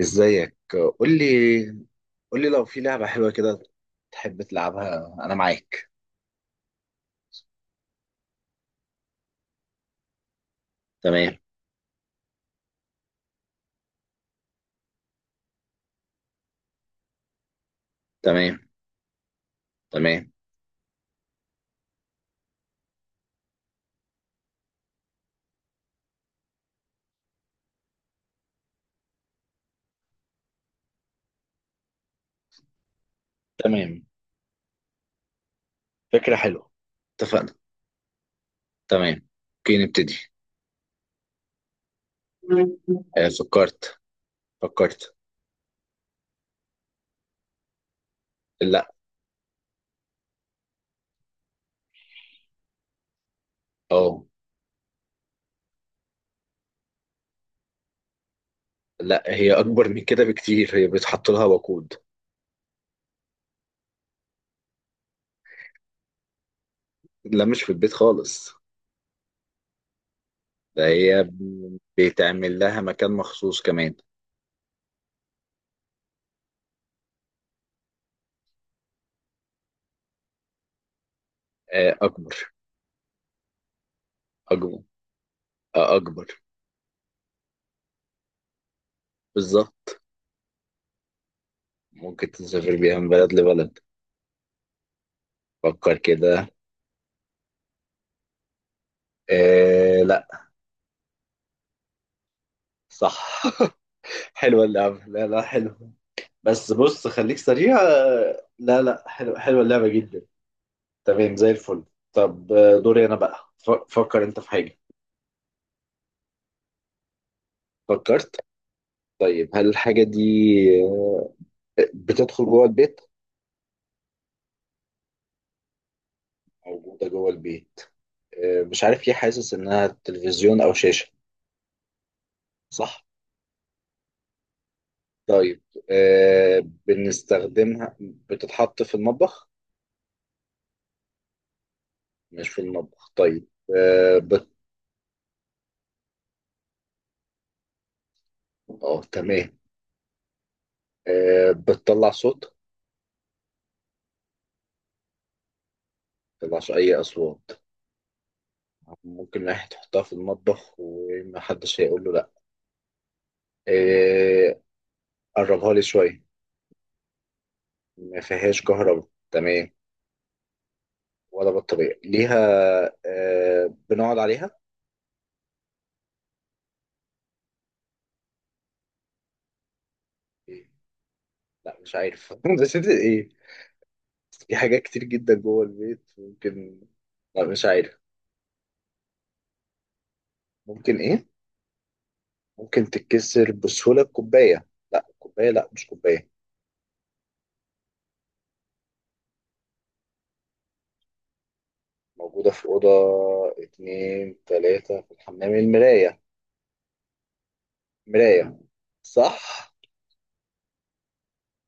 ازيك؟ قول لي، قول لي لو في لعبة حلوة كده تحب تلعبها انا معاك. تمام. تمام. تمام. تمام. فكرة حلوة، اتفقنا. تمام. اوكي نبتدي. فكرت. فكرت. لا. اه. لا، هي اكبر من كده بكتير، هي بيتحط لها وقود. لا مش في البيت خالص. ده هي بيتعمل لها مكان مخصوص كمان. اكبر. اكبر. اكبر. بالظبط، ممكن تسافر بيها من بلد لبلد. فكر كده. آه لا. صح. حلوة اللعبة، لا لا حلوة. بس بص خليك سريع. لا لا، حلوة، حلوة اللعبة جدا. تمام زي الفل. طب دوري أنا بقى فكر أنت في حاجة. فكرت. طيب هل الحاجة دي بتدخل جوه البيت؟ موجودة جوه البيت. مش عارف ايه، حاسس إنها تلفزيون أو شاشة. صح. طيب آه، بنستخدمها، بتتحط في المطبخ. مش في المطبخ طيب. اه تمام. بتطلع صوت؟ متطلعش أي أصوات. ممكن واحد يحطها في المطبخ ومحدش هيقول له لأ. آه، قربها لي شوية. ما فيهاش كهرباء تمام. ولا بطارية ليها. بنقعد عليها. إيه؟ لأ مش عارف. بس إنت إيه؟ في حاجات كتير جدا جوه البيت ممكن. لأ مش عارف. ممكن إيه؟ ممكن تتكسر بسهولة، الكوباية؟ لأ كوباية، لأ مش كوباية. موجودة في أوضة اتنين تلاتة، في الحمام، المراية؟ مراية. صح.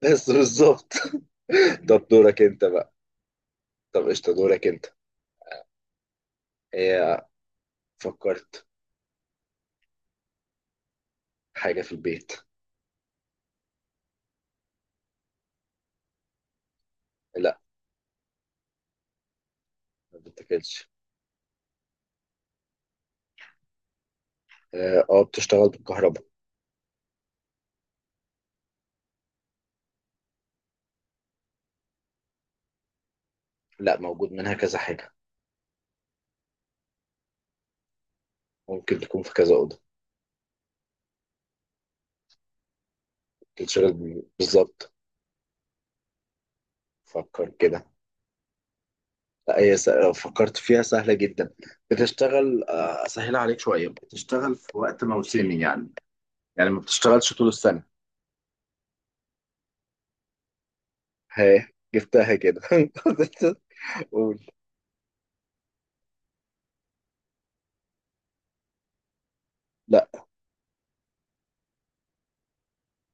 بس بالظبط. طب دورك انت بقى. طب قشطة دورك انت. ايه، فكرت. حاجة في البيت. لا ما بتاكلش. اه بتشتغل بالكهرباء. لا موجود منها كذا حاجة. ممكن تكون في كذا أوضة. بتشتغل بالظبط. فكر كده. لا لو فكرت فيها سهلة جدا. بتشتغل أسهلها عليك شوية. بتشتغل في وقت موسمي يعني ما بتشتغلش طول السنة. ها، جبتها كده. قول. لا.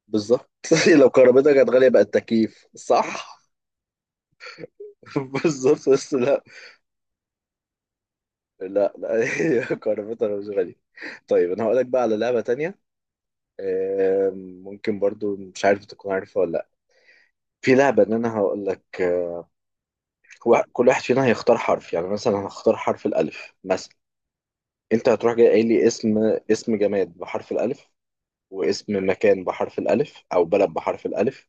بالظبط. لو كهربتها كانت غالية بقى التكييف، صح. بالظبط بس. لا، لا، لا، هي كهربتها مش غالية. طيب انا هقولك بقى على لعبة تانية. ممكن برضو، مش عارف تكون عارفها ولا لا. في لعبة ان انا هقولك. كل واحد فينا هيختار حرف، يعني مثلا هختار حرف الالف مثلا. انت هتروح جاي قايل لي اسم. اسم جماد بحرف الالف، واسم مكان بحرف الالف او بلد بحرف الالف.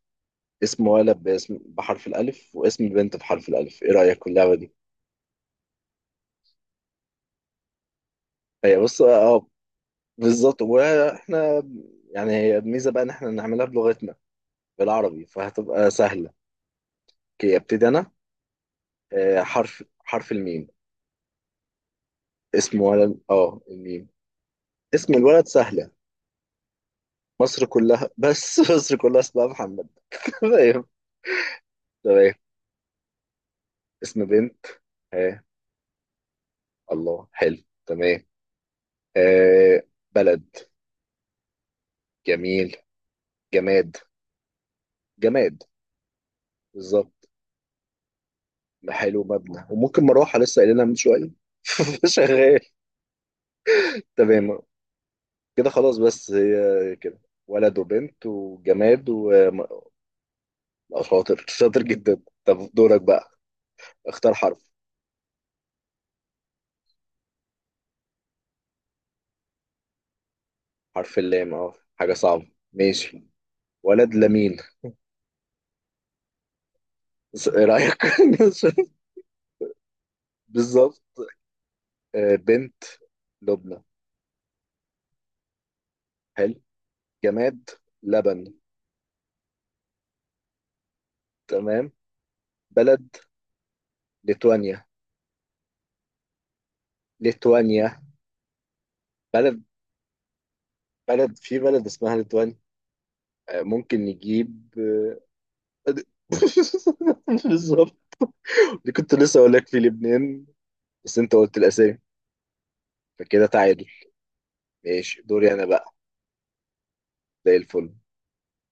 اسم ولد باسم بحرف الالف، واسم بنت بحرف الالف. ايه رأيك في اللعبة دي؟ هي بص، اه، بالظبط. واحنا يعني هي الميزه بقى ان احنا نعملها بلغتنا، بالعربي فهتبقى سهله. اوكي ابتدي انا. حرف الميم. اسم ولد، اه، الميم، اسم الولد سهله. مصر كلها بس، مصر كلها اسمها محمد. تمام. تمام. اسم بنت. ها. الله، حلو. تمام. آه، بلد. جميل. جماد. جماد. بالظبط. حلو، مبنى، وممكن مروحه لسه قايلينها من شويه. شغال. تمام كده خلاص. بس هي كده، ولد وبنت وجماد، وشاطر. شاطر، شاطر جدا. طب دورك بقى. اختار حرف اللام، اه. حاجة صعبة. ماشي. ولد لمين؟ ايه رأيك؟ بالظبط. بنت لبنى. حلو. جماد لبن. تمام. بلد ليتوانيا. ليتوانيا. بلد. بلد، في بلد اسمها ليتوانيا. ممكن نجيب بالظبط. دي كنت لسه اقول لك في لبنان، بس انت قلت الاسامي فكده تعادل. ماشي دوري انا بقى. زي الفل.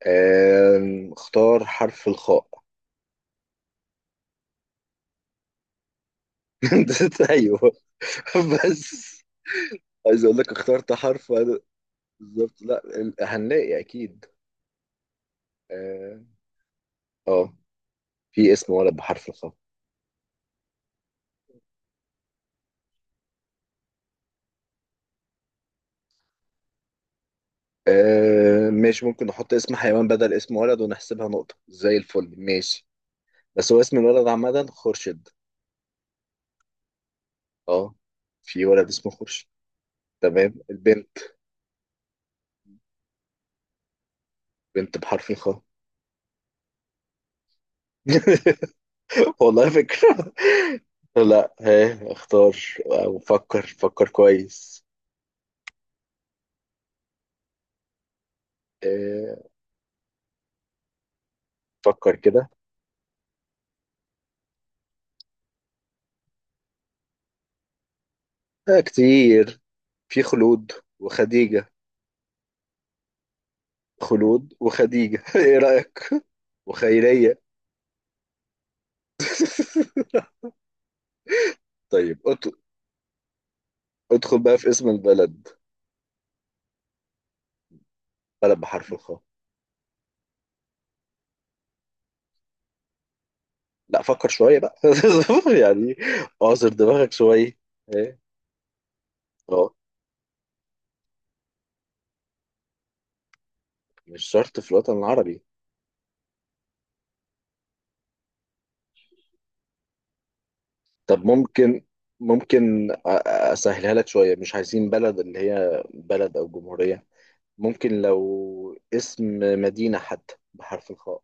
اختار حرف الخاء. ايوه. بس عايز اقول لك اخترت حرف بالظبط. لا هنلاقي اكيد. اه آه، في اسم ولد بحرف الخاء؟ آه ماشي، ممكن نحط اسم حيوان بدل اسم ولد، ونحسبها نقطة زي الفل. ماشي. بس هو اسم الولد عامة، خورشيد. اه، في ولد اسمه خورشيد. تمام، البنت. بنت بحرف الخاء. والله فكرة. لا، ها، اختار. وفكر، فكر، فكر كويس. آه، فكر كده. كتير، في خلود وخديجة، خلود وخديجة. ايه رأيك؟ وخيرية. طيب ادخل بقى في اسم البلد. بلد بحرف الخاء. لا فكر شوية بقى، يعني اعصر دماغك شوية. ايه؟ اه. مش شرط في الوطن العربي. طب ممكن، اسهلها لك شوية، مش عايزين بلد اللي هي بلد او جمهورية. ممكن لو اسم مدينة حتى بحرف الخاء.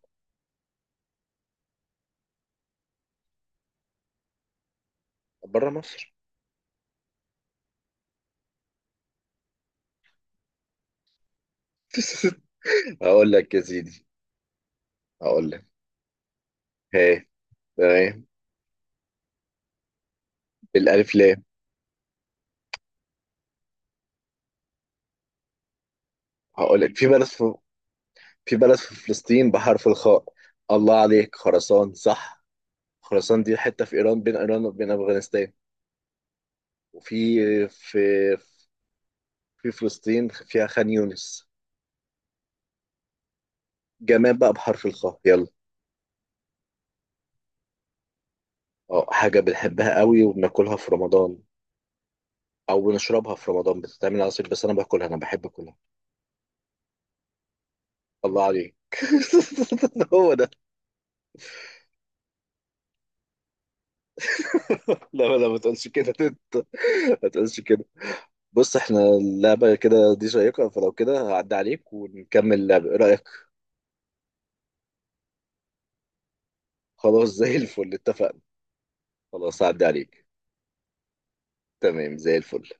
بره مصر. هقول لك يا سيدي. هقول لك. هي، تمام. بالألف لام. هقول لك في بلد، في بلد في فلسطين بحرف الخاء. الله عليك، خراسان، صح. خراسان دي حتة في إيران، بين إيران وبين أفغانستان. وفي، في في فلسطين فيها خان يونس. جمال بقى بحرف الخاء يلا. اه، حاجة بنحبها قوي وبناكلها في رمضان، أو بنشربها في رمضان، بتتعمل عصير، بس أنا باكلها، أنا بحب أكلها. الله عليك، هو ده. لا لا، ما تقولش كده، انت ما تقولش كده. بص، احنا اللعبة كده دي شيقة، فلو كده هعدي عليك ونكمل اللعبة، ايه رأيك؟ خلاص زي الفل، اتفقنا. خلاص هعدي عليك. تمام زي الفل.